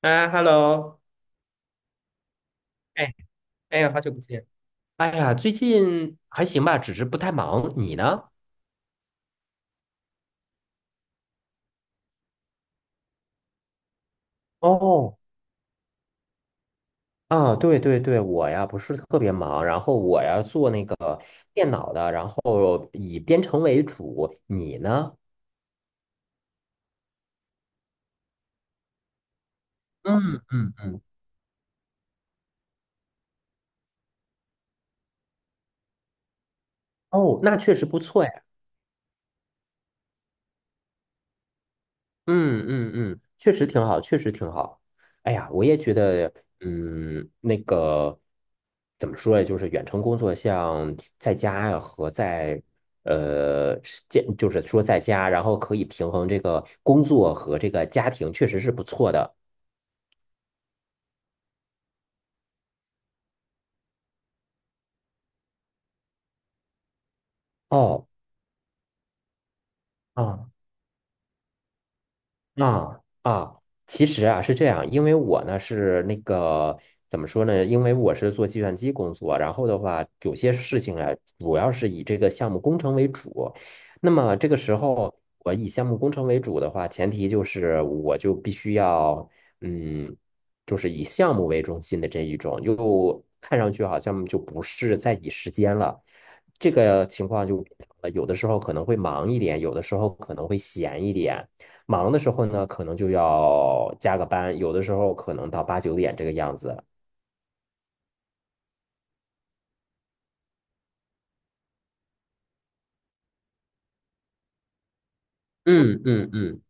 啊，Hello，哎，哎呀，好久不见。哎呀，最近还行吧，只是不太忙。你呢？哦，啊，对对对，我呀不是特别忙，然后我呀做那个电脑的，然后以编程为主。你呢？嗯嗯嗯，哦，那确实不错呀。嗯嗯嗯，确实挺好，确实挺好。哎呀，我也觉得，那个怎么说呀？就是远程工作，像在家呀和在呃，是见就是说在家，然后可以平衡这个工作和这个家庭，确实是不错的。哦，啊。嗯啊啊，其实啊是这样，因为我呢是那个怎么说呢？因为我是做计算机工作，然后的话有些事情啊，主要是以这个项目工程为主。那么这个时候，我以项目工程为主的话，前提就是我就必须要嗯，就是以项目为中心的这一种，又看上去好像就不是在以时间了。这个情况就变成了有的时候可能会忙一点，有的时候可能会闲一点。忙的时候呢，可能就要加个班，有的时候可能到8、9点这个样子。嗯嗯嗯，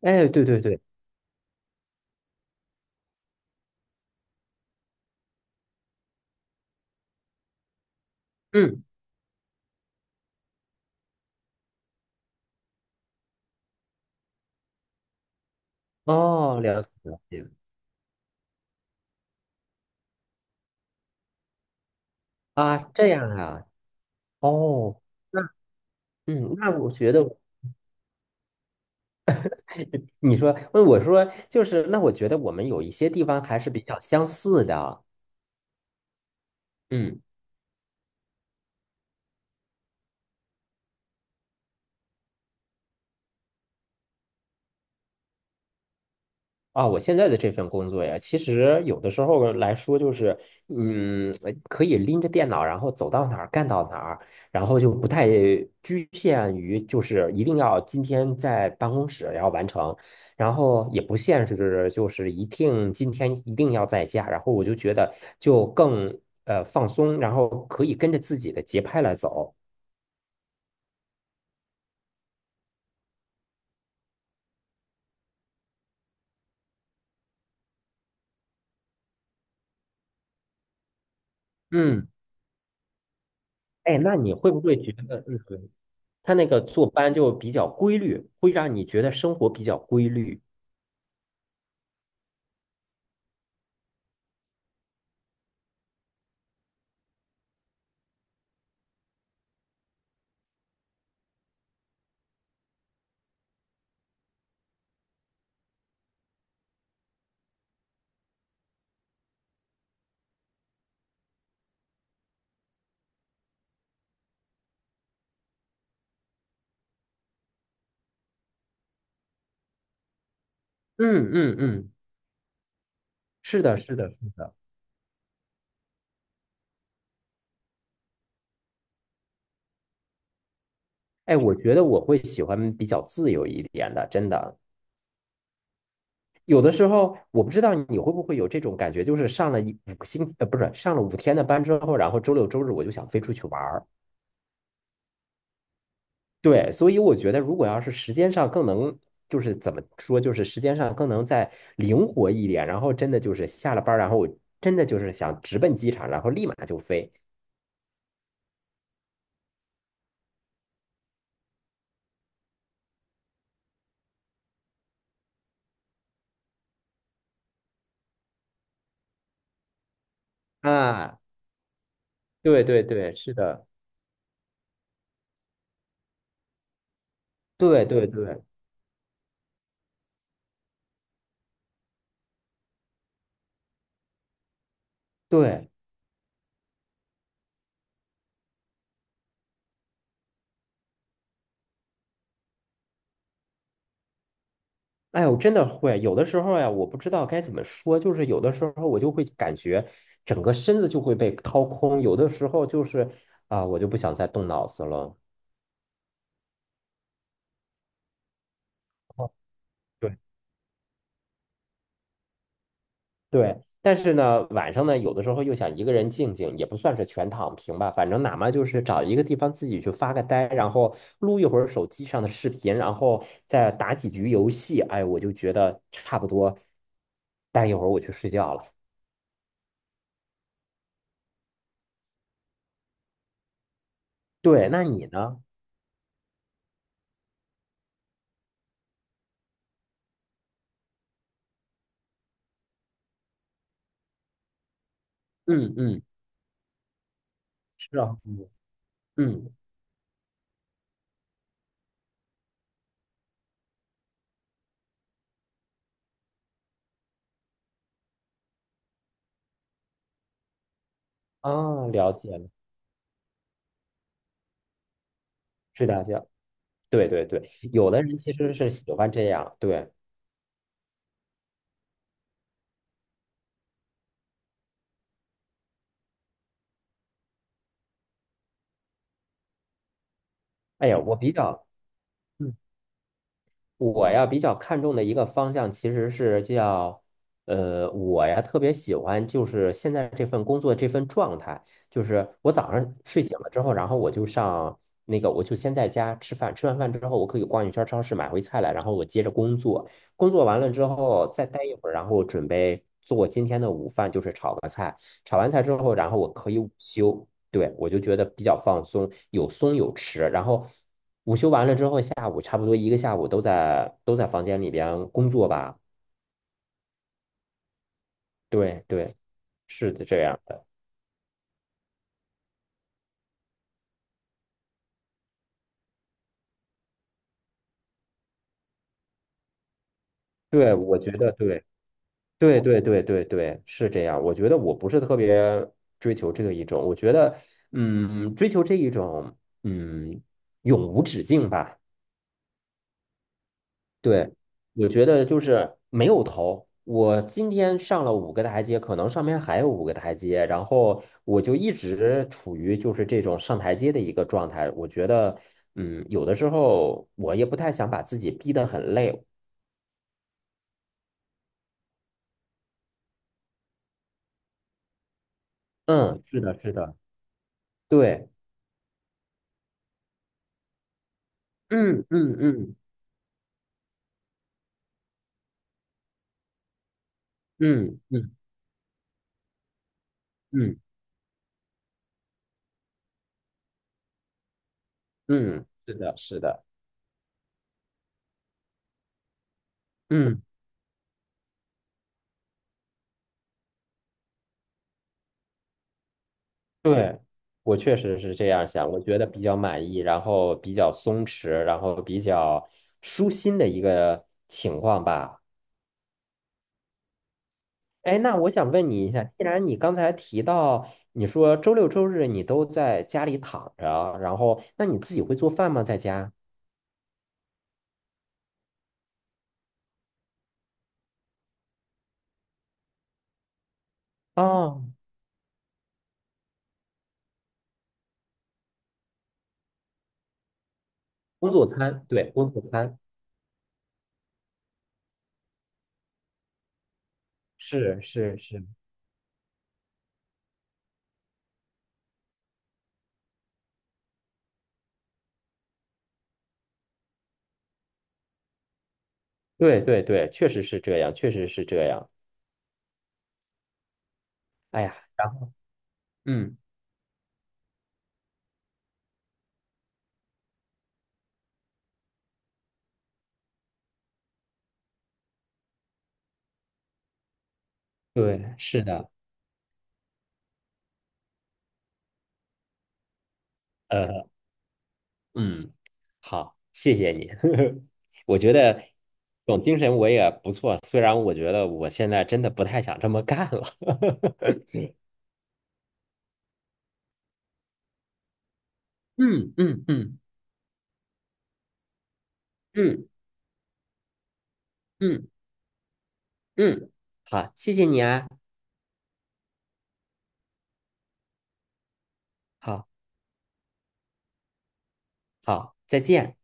哎，对对对，嗯，哦，了解了解啊，这样啊，哦。那那我觉得，你说，问我说，就是，那我觉得我们有一些地方还是比较相似的。嗯我现在的这份工作呀，其实有的时候来说就是，可以拎着电脑，然后走到哪儿干到哪儿，然后就不太局限于就是一定要今天在办公室要完成，然后也不限制就是一定今天一定要在家，然后我就觉得就更放松，然后可以跟着自己的节拍来走。嗯，哎，那你会不会觉得，他那个坐班就比较规律，会让你觉得生活比较规律。嗯嗯嗯，是的，是的，是的。哎，我觉得我会喜欢比较自由一点的，真的。有的时候我不知道你会不会有这种感觉，就是上了一5个星期，不是上了5天的班之后，然后周六周日我就想飞出去玩儿。对，所以我觉得如果要是时间上更能，就是怎么说，就是时间上更能再灵活一点，然后真的就是下了班儿，然后我真的就是想直奔机场，然后立马就飞啊。对对对，是的，对对对对，哎我真的会，有的时候呀，我不知道该怎么说，就是有的时候我就会感觉整个身子就会被掏空，有的时候就是啊、我就不想再动脑子了。哦对对，但是呢，晚上呢，有的时候又想一个人静静，也不算是全躺平吧，反正哪怕就是找一个地方自己去发个呆，然后录一会儿手机上的视频，然后再打几局游戏，哎，我就觉得差不多，待一会儿我去睡觉了。对，那你呢？嗯嗯，是啊，嗯嗯啊，了解了，睡大觉。对对对，有的人其实是喜欢这样。对，哎呀，我比较，嗯。我呀比较看重的一个方向其实是叫，我呀特别喜欢就是现在这份工作这份状态，就是我早上睡醒了之后，然后我就上那个我就先在家吃饭，吃完饭之后我可以逛一圈超市买回菜来，然后我接着工作，工作完了之后再待一会儿，然后准备做今天的午饭，就是炒个菜，炒完菜之后，然后我可以午休。对，我就觉得比较放松，有松有弛。然后午休完了之后，下午差不多一个下午都在房间里边工作吧。对对，是的这样的。对，我觉得对对对对对对是这样。我觉得我不是特别追求这一种，我觉得追求这一种嗯永无止境吧。对，我觉得就是没有头。我今天上了五个台阶，可能上面还有五个台阶，然后我就一直处于就是这种上台阶的一个状态。我觉得，有的时候我也不太想把自己逼得很累。嗯，是的，是的，对，嗯嗯嗯嗯嗯嗯嗯，是的，是的，嗯。对，我确实是这样想，我觉得比较满意，然后比较松弛，然后比较舒心的一个情况吧。哎，那我想问你一下，既然你刚才提到你说周六周日你都在家里躺着，然后那你自己会做饭吗？在家？哦，工作餐，对，工作餐，是是是，对对对，确实是这样，确实是这样。哎呀，嗯，对，是的。呃。嗯，好，谢谢你。我觉得这种精神我也不错，虽然我觉得我现在真的不太想这么干了。嗯嗯嗯嗯嗯嗯，好，谢谢你啊，好好，再见。